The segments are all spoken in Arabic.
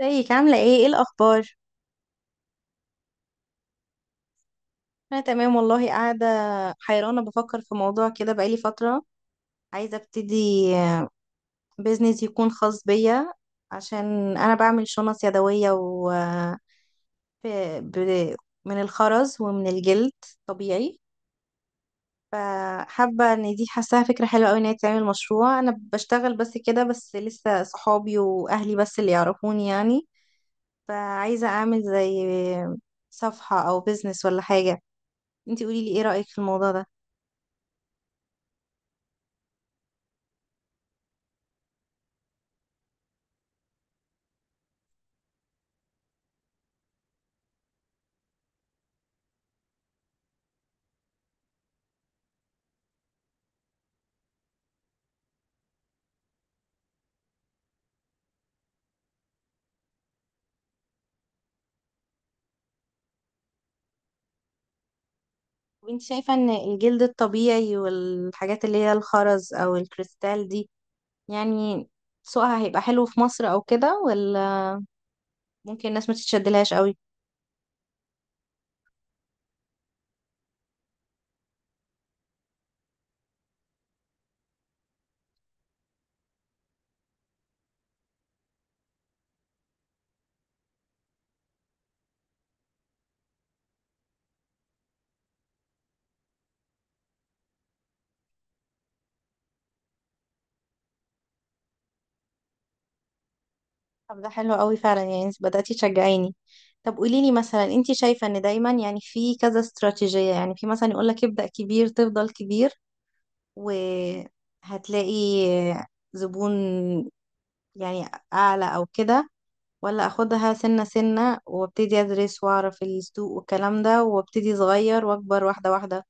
ازيك عاملة ايه، ايه الأخبار؟ أنا تمام والله، قاعدة حيرانة بفكر في موضوع كده بقالي فترة. عايزة ابتدي بيزنس يكون خاص بيا، عشان أنا بعمل شنط يدوية و ب... ب... من الخرز ومن الجلد طبيعي. فحابة ان دي، حاساها فكرة حلوة اوي ان هي تعمل مشروع. أنا بشتغل بس كده، بس لسه صحابي وأهلي بس اللي يعرفوني يعني. فعايزة أعمل زي صفحة أو بيزنس ولا حاجة. انتي قوليلي، ايه رأيك في الموضوع ده؟ طب انت شايفة ان الجلد الطبيعي والحاجات اللي هي الخرز او الكريستال دي، يعني سوقها هيبقى حلو في مصر او كده، ولا ممكن الناس ما تتشدلهاش قوي؟ طب ده حلو قوي فعلا، يعني انت بدأتي تشجعيني. طب قوليلي مثلا، انت شايفة ان دايما يعني في كذا استراتيجية، يعني في مثلا يقولك ابدأ كبير تفضل كبير وهتلاقي زبون يعني اعلى او كده، ولا اخدها سنة سنة وابتدي ادرس واعرف السوق والكلام ده وابتدي صغير واكبر واحدة واحدة؟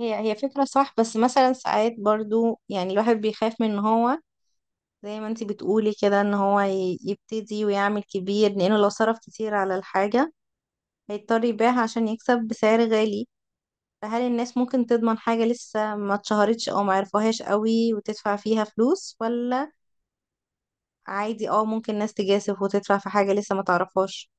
هي هي فكرة صح، بس مثلا ساعات برضو يعني الواحد بيخاف من ان هو زي ما انتي بتقولي كده، ان هو يبتدي ويعمل كبير، لانه لو صرف كتير على الحاجة هيضطر يبيعها عشان يكسب بسعر غالي. فهل الناس ممكن تضمن حاجة لسه ما اتشهرتش او ما عرفوهاش قوي وتدفع فيها فلوس، ولا عادي اه ممكن ناس تجاسف وتدفع في حاجة لسه ما تعرفهاش؟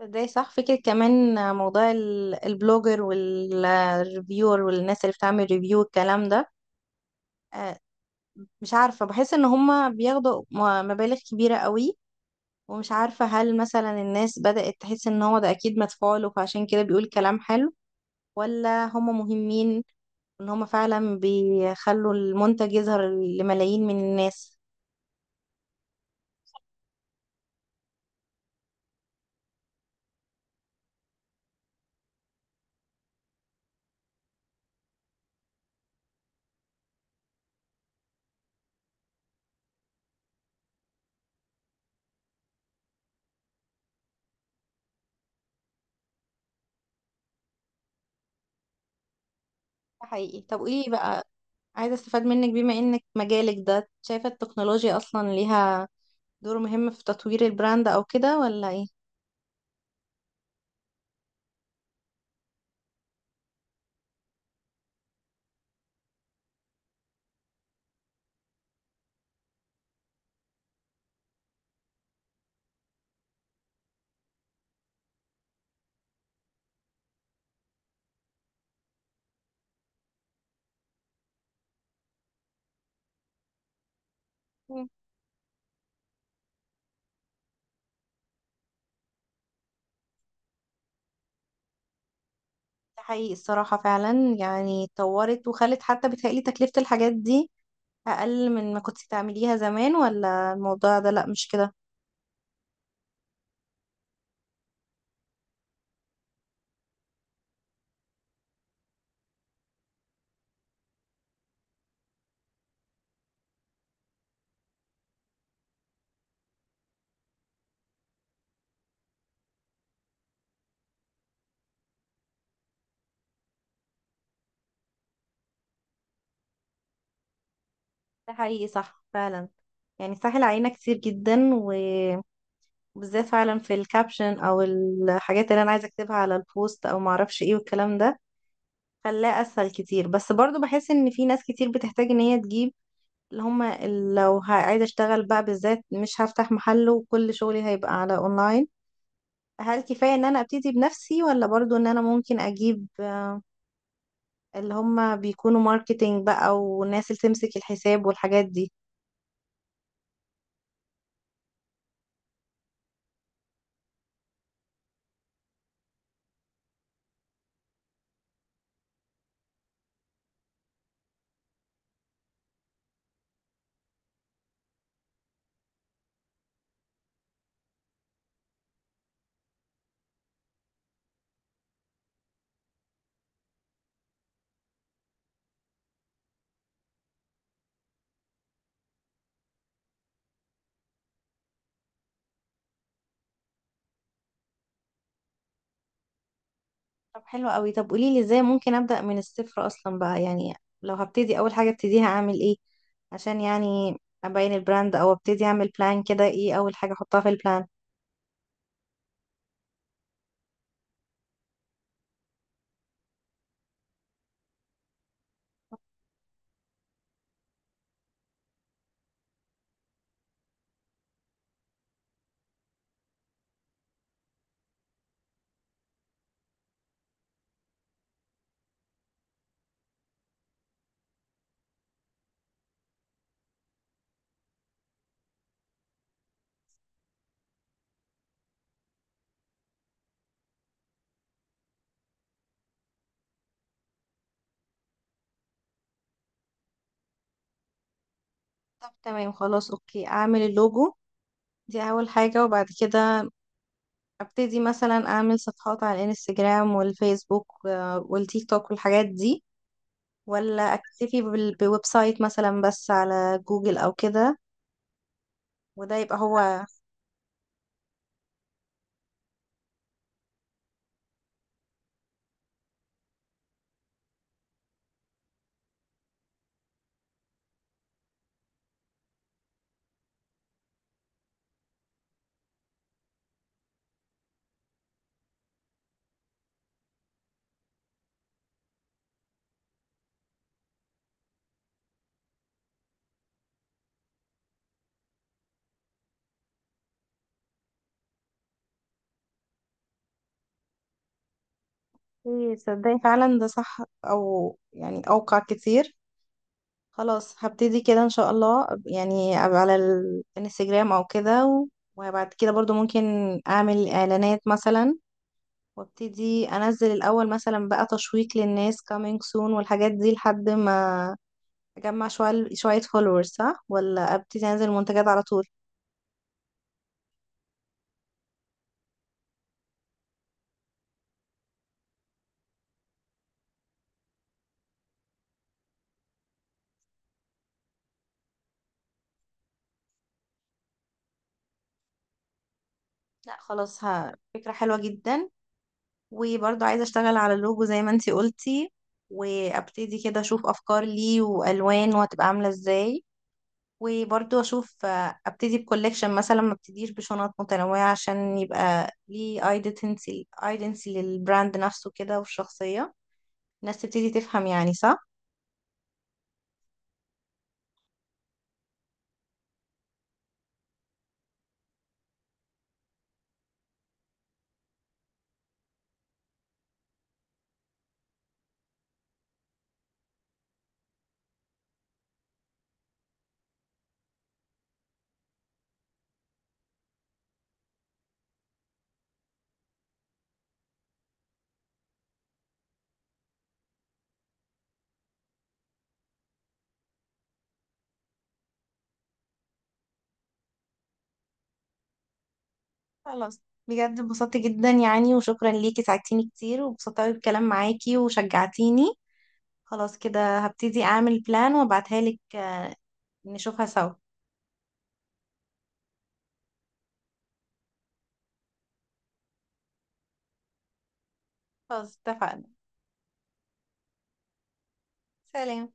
ازاي؟ صح، فكرة كمان. موضوع البلوجر والريفيور والناس اللي بتعمل ريفيو الكلام ده، آه، مش عارفة، بحس ان هما بياخدوا مبالغ كبيرة قوي. ومش عارفة هل مثلا الناس بدأت تحس ان هو ده اكيد مدفوع له فعشان كده بيقول كلام حلو، ولا هما مهمين ان هما فعلا بيخلوا المنتج يظهر لملايين من الناس؟ ده حقيقي. طب قولي بقى، عايزة استفاد منك بما انك مجالك ده، شايفة التكنولوجيا اصلا ليها دوره مهم في تطوير البراند او كده ولا ايه؟ مم. ده حقيقي الصراحة، فعلا يعني اتطورت وخلت حتى بتهيألي تكلفة الحاجات دي اقل من ما كنت تعمليها زمان، ولا الموضوع ده لا مش كده؟ ده حقيقي صح فعلا، يعني سهل علينا كتير جدا وبالذات فعلا في الكابشن او الحاجات اللي انا عايزة اكتبها على البوست او معرفش ايه والكلام ده، خلاه اسهل كتير. بس برضو بحس ان في ناس كتير بتحتاج ان هي تجيب اللي هما لو عايزة اشتغل بقى بالذات، مش هفتح محل وكل شغلي هيبقى على اونلاين. هل كفاية ان انا ابتدي بنفسي، ولا برضو ان انا ممكن اجيب اللي هما بيكونوا ماركتينج بقى والناس اللي تمسك الحساب والحاجات دي؟ طب حلو قوي. طب قوليلي ازاي ممكن ابدأ من الصفر اصلا بقى يعني؟ لو هبتدي اول حاجة ابتديها اعمل ايه عشان يعني ابين البراند، او ابتدي اعمل بلان كده، ايه اول حاجة احطها في البلان؟ طب تمام خلاص اوكي، اعمل اللوجو دي اول حاجة، وبعد كده ابتدي مثلا اعمل صفحات على الانستجرام والفيسبوك والتيك توك والحاجات دي، ولا اكتفي بويب سايت مثلا بس على جوجل او كده؟ وده يبقى هو. إيه، تصدقي فعلا ده صح، او يعني اوقع كتير. خلاص هبتدي كده ان شاء الله، يعني أبقى على الانستجرام او كده وبعد كده برضو ممكن اعمل اعلانات مثلا، وابتدي انزل الاول مثلا بقى تشويق للناس coming soon والحاجات دي لحد ما اجمع شوية شوية فولورز، صح؟ ولا ابتدي انزل منتجات على طول؟ لا خلاص، ها فكرة حلوة جدا. وبرضه عايزة اشتغل على اللوجو زي ما انتي قلتي، وابتدي كده اشوف افكار ليه والوان وهتبقى عاملة ازاي. وبرضه اشوف، ابتدي بكولكشن مثلا، ما ابتديش بشنط متنوعة عشان يبقى ليه ايدنتي ايدنتي للبراند نفسه كده والشخصية، الناس تبتدي تفهم يعني، صح؟ خلاص، بجد انبسطت جدا يعني، وشكرا ليكي ساعدتيني كتير وانبسطت قوي بالكلام معاكي وشجعتيني. خلاص كده هبتدي اعمل بلان وابعتها لك، نشوفها سوا. خلاص اتفقنا. سلام.